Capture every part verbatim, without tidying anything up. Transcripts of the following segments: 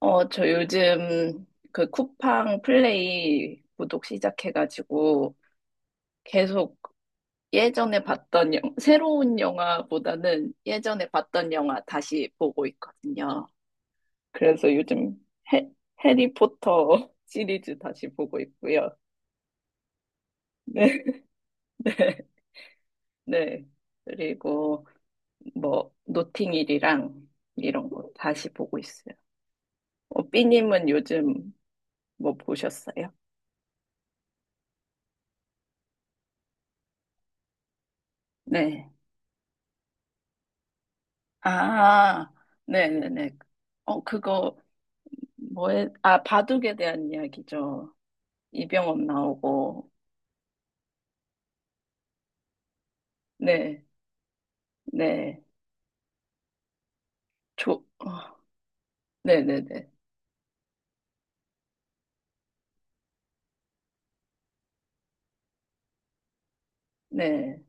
어, 저 요즘 그 쿠팡 플레이 구독 시작해가지고 계속 예전에 봤던 영, 새로운 영화보다는 예전에 봤던 영화 다시 보고 있거든요. 그래서 요즘 해, 해리포터 시리즈 다시 보고 있고요. 네, 네, 네. 그리고 뭐 노팅힐이랑 이런 거 다시 보고 있어요. 어, 삐님은 요즘 뭐 보셨어요? 네. 아, 네네네. 어, 그거, 뭐에, 아, 바둑에 대한 이야기죠. 이병헌 나오고, 네, 네, 조, 어, 네네네, 네,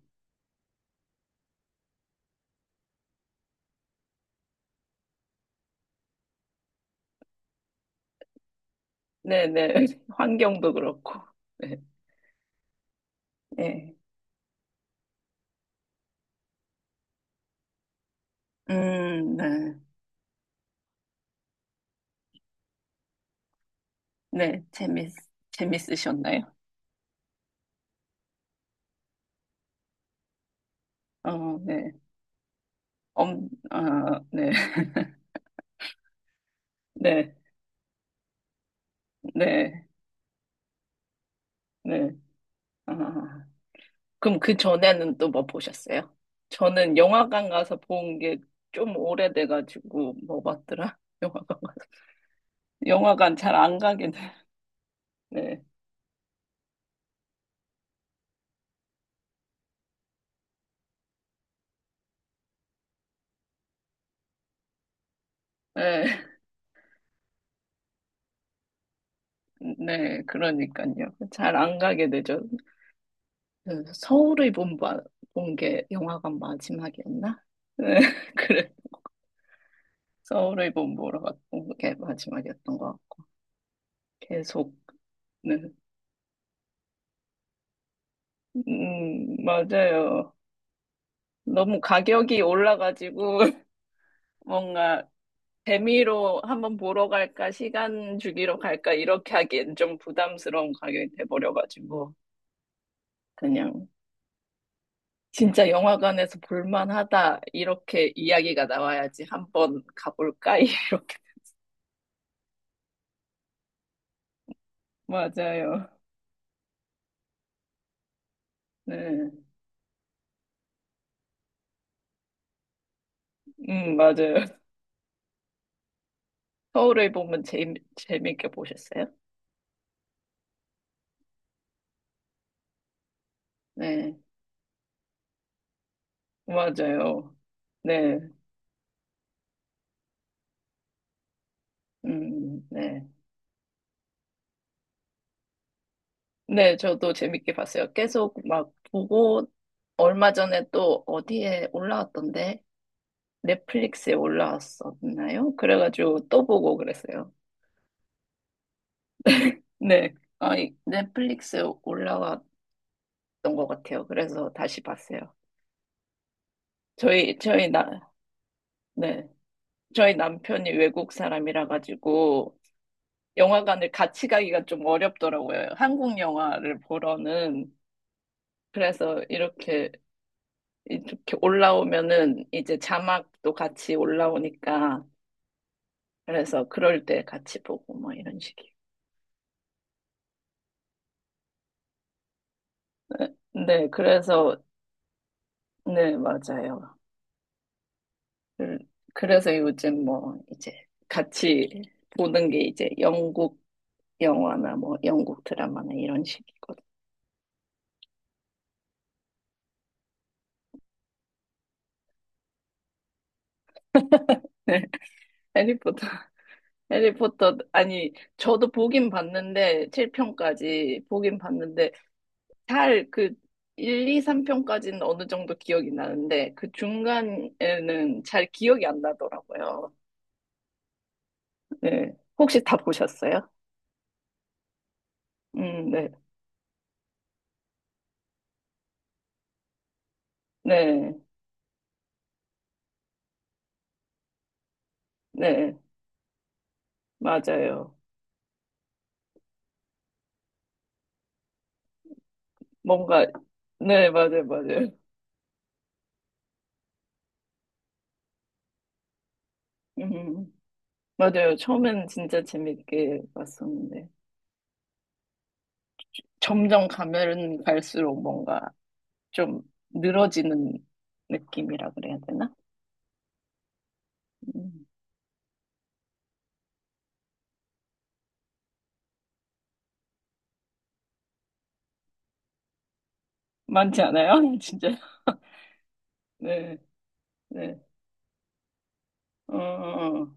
네네. 환경도 그렇고, 네, 네. 음, 네, 네, 재밌, 재밌으셨나요? 어, 네, 엄, 아, 네, 네, 네, 네, 아. 그럼 그 전에는 또 뭐 보셨어요? 저는 영화관 가서 본 게 좀 오래돼가지고 뭐 봤더라? 영화관 영화관 잘 안 가게 돼. 네, 네, 네, 그러니까요. 잘 안 가게 되죠. 그래서 서울의 본본게 영화관 마지막이었나? 네, 그래. 서울의 본 보러 갔던 게 마지막이었던 것 같고 계속. 네, 음 맞아요. 너무 가격이 올라가지고 뭔가 재미로 한번 보러 갈까, 시간 주기로 갈까, 이렇게 하기엔 좀 부담스러운 가격이 돼버려가지고, 그냥, 진짜 영화관에서 볼만하다, 이렇게 이야기가 나와야지 한번 가볼까? 이렇게. 맞아요. 네. 음, 맞아요. 서울을 보면 재미, 재밌게 보셨어요? 네. 맞아요. 네. 음, 네. 네, 저도 재밌게 봤어요. 계속 막 보고, 얼마 전에 또 어디에 올라왔던데? 넷플릭스에 올라왔었나요? 그래가지고 또 보고 그랬어요. 네. 아, 이- 넷플릭스에 올라왔던 것 같아요. 그래서 다시 봤어요. 저희, 저희 나, 네. 저희 남편이 외국 사람이라 가지고 영화관을 같이 가기가 좀 어렵더라고요. 한국 영화를 보러는. 그래서 이렇게, 이렇게 올라오면은 이제 자막도 같이 올라오니까. 그래서 그럴 때 같이 보고 뭐 이런 식이에요. 네, 네, 그래서 네, 맞아요. 그- 그래서 요즘 뭐 이제 같이 보는 게 이제 영국 영화나 뭐 영국 드라마나 이런 식이거든요. 해리포터, 해리포터, 아니, 저도 보긴 봤는데, 칠 편까지 보긴 봤는데, 잘 그 일, 이, 삼 편까지는 어느 정도 기억이 나는데, 그 중간에는 잘 기억이 안 나더라고요. 네. 혹시 다 보셨어요? 음, 네. 네. 네. 맞아요. 뭔가, 네, 맞아요, 맞아요. 음, 맞아요. 처음엔 진짜 재밌게 봤었는데, 점점 가면 갈수록 뭔가 좀 늘어지는 느낌이라 그래야 되나? 음, 많지 않아요? 진짜. 네, 네. 어, 어, 어.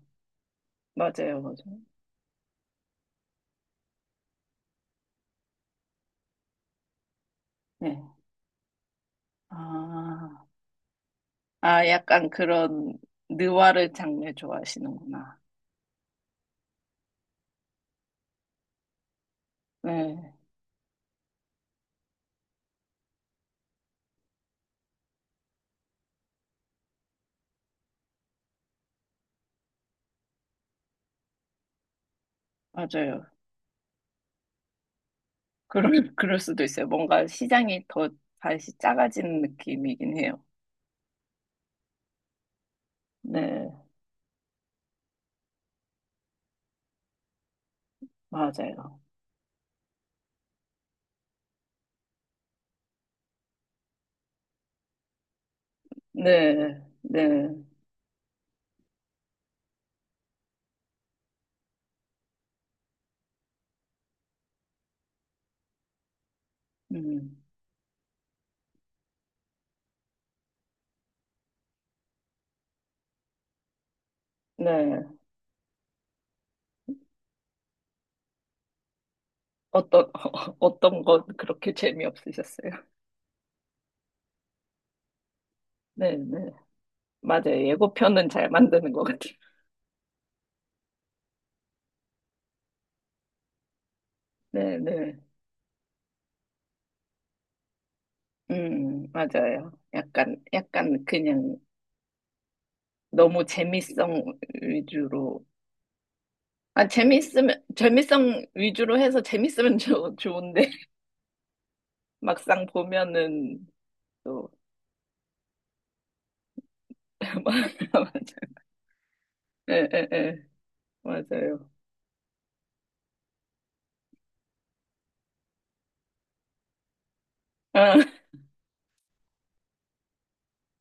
맞아요, 맞아요. 네. 아, 아, 약간 그런 느와르 장르 좋아하시는구나. 네, 맞아요. 그럴, 그럴 수도 있어요. 뭔가 시장이 더 다시 작아지는 느낌이긴 해요. 네, 맞아요. 네, 네, 음, 네. 어떤, 어떤 건 그렇게 재미없으셨어요? 네, 네. 맞아요. 예고편은 잘 만드는 것 같아요. 네, 네. 음, 맞아요. 약간, 약간 그냥 너무 재미성 위주로. 아, 재밌으면, 재미성 위주로 해서 재밌으면 좋, 좋은데, 막상 보면은 또, 맞아요. 예, 예, 예. 맞아요. 아,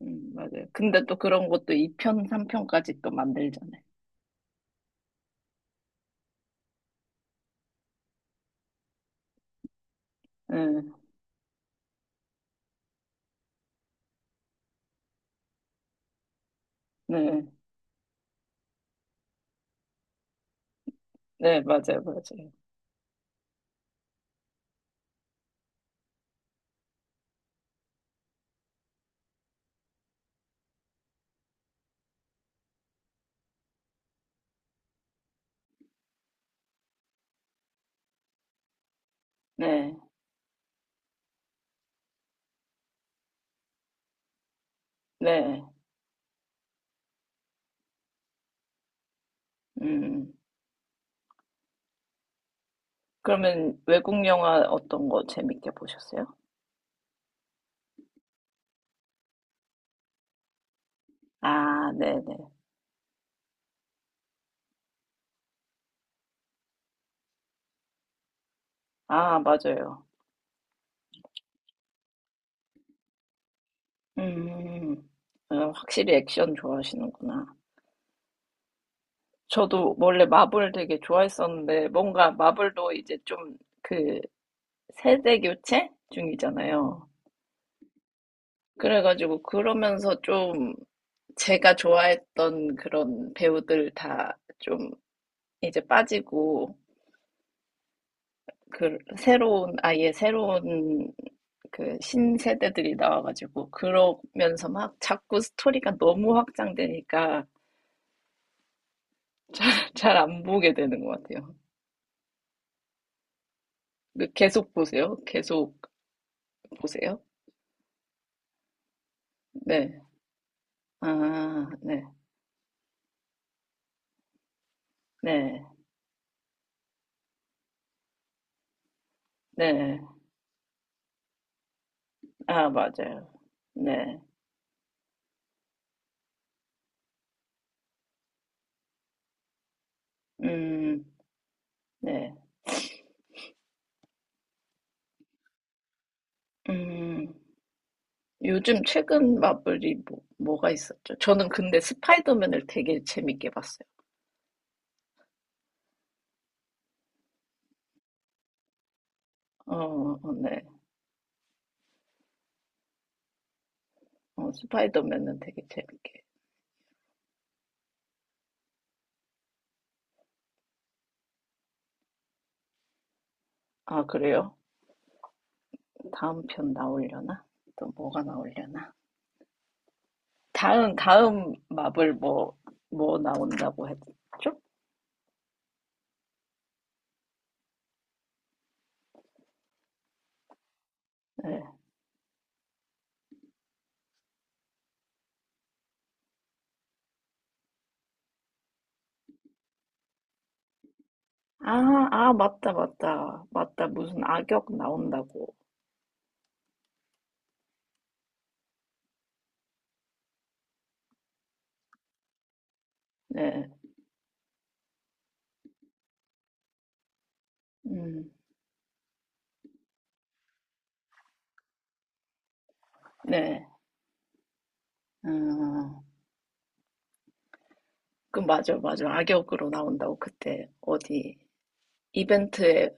음, 맞아요. 근데 또 그런 것도 이 편, 삼 편까지 또 만들잖아요. 음, 네, 네, 맞아요, 맞아요. 네, 네, 음. 그러면 외국 영화 어떤 거 재밌게 보셨어요? 아, 네네. 아, 맞아요. 음, 어, 확실히 액션 좋아하시는구나. 저도 원래 마블 되게 좋아했었는데, 뭔가 마블도 이제 좀 그 세대 교체 중이잖아요. 그래가지고 그러면서 좀 제가 좋아했던 그런 배우들 다 좀 이제 빠지고 그 새로운 아예 새로운 그 신세대들이 나와가지고 그러면서 막 자꾸 스토리가 너무 확장되니까 잘 잘 안 보게 되는 것 같아요. 그 계속 보세요. 계속 보세요. 네. 아, 네. 네. 네. 아, 맞아요. 네. 음, 네. 음. 요즘 최근 마블이 뭐, 뭐가 있었죠? 저는 근데 스파이더맨을 되게 재밌게 봤어요. 어, 어, 네. 어, 스파이더맨은 되게 재밌게. 아, 그래요? 다음 편 나오려나? 또 뭐가 나오려나? 다음, 다음 마블 뭐, 뭐 나온다고 했죠? 네. 아, 아, 맞다, 맞다. 맞다. 무슨 악역 나온다고. 네. 음, 네. 음, 그, 맞아, 맞아. 악역으로 나온다고 그때 어디 이벤트에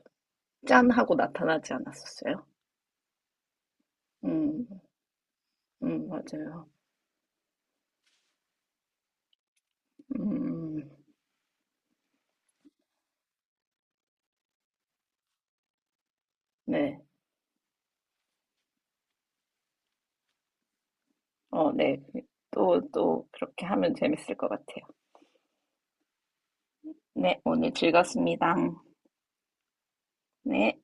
짠 하고 나타나지 않았었어요. 음, 음, 맞아요. 음, 네. 어, 네. 또, 또, 그렇게 하면 재밌을 것 같아요. 네, 오늘 즐거웠습니다. 네.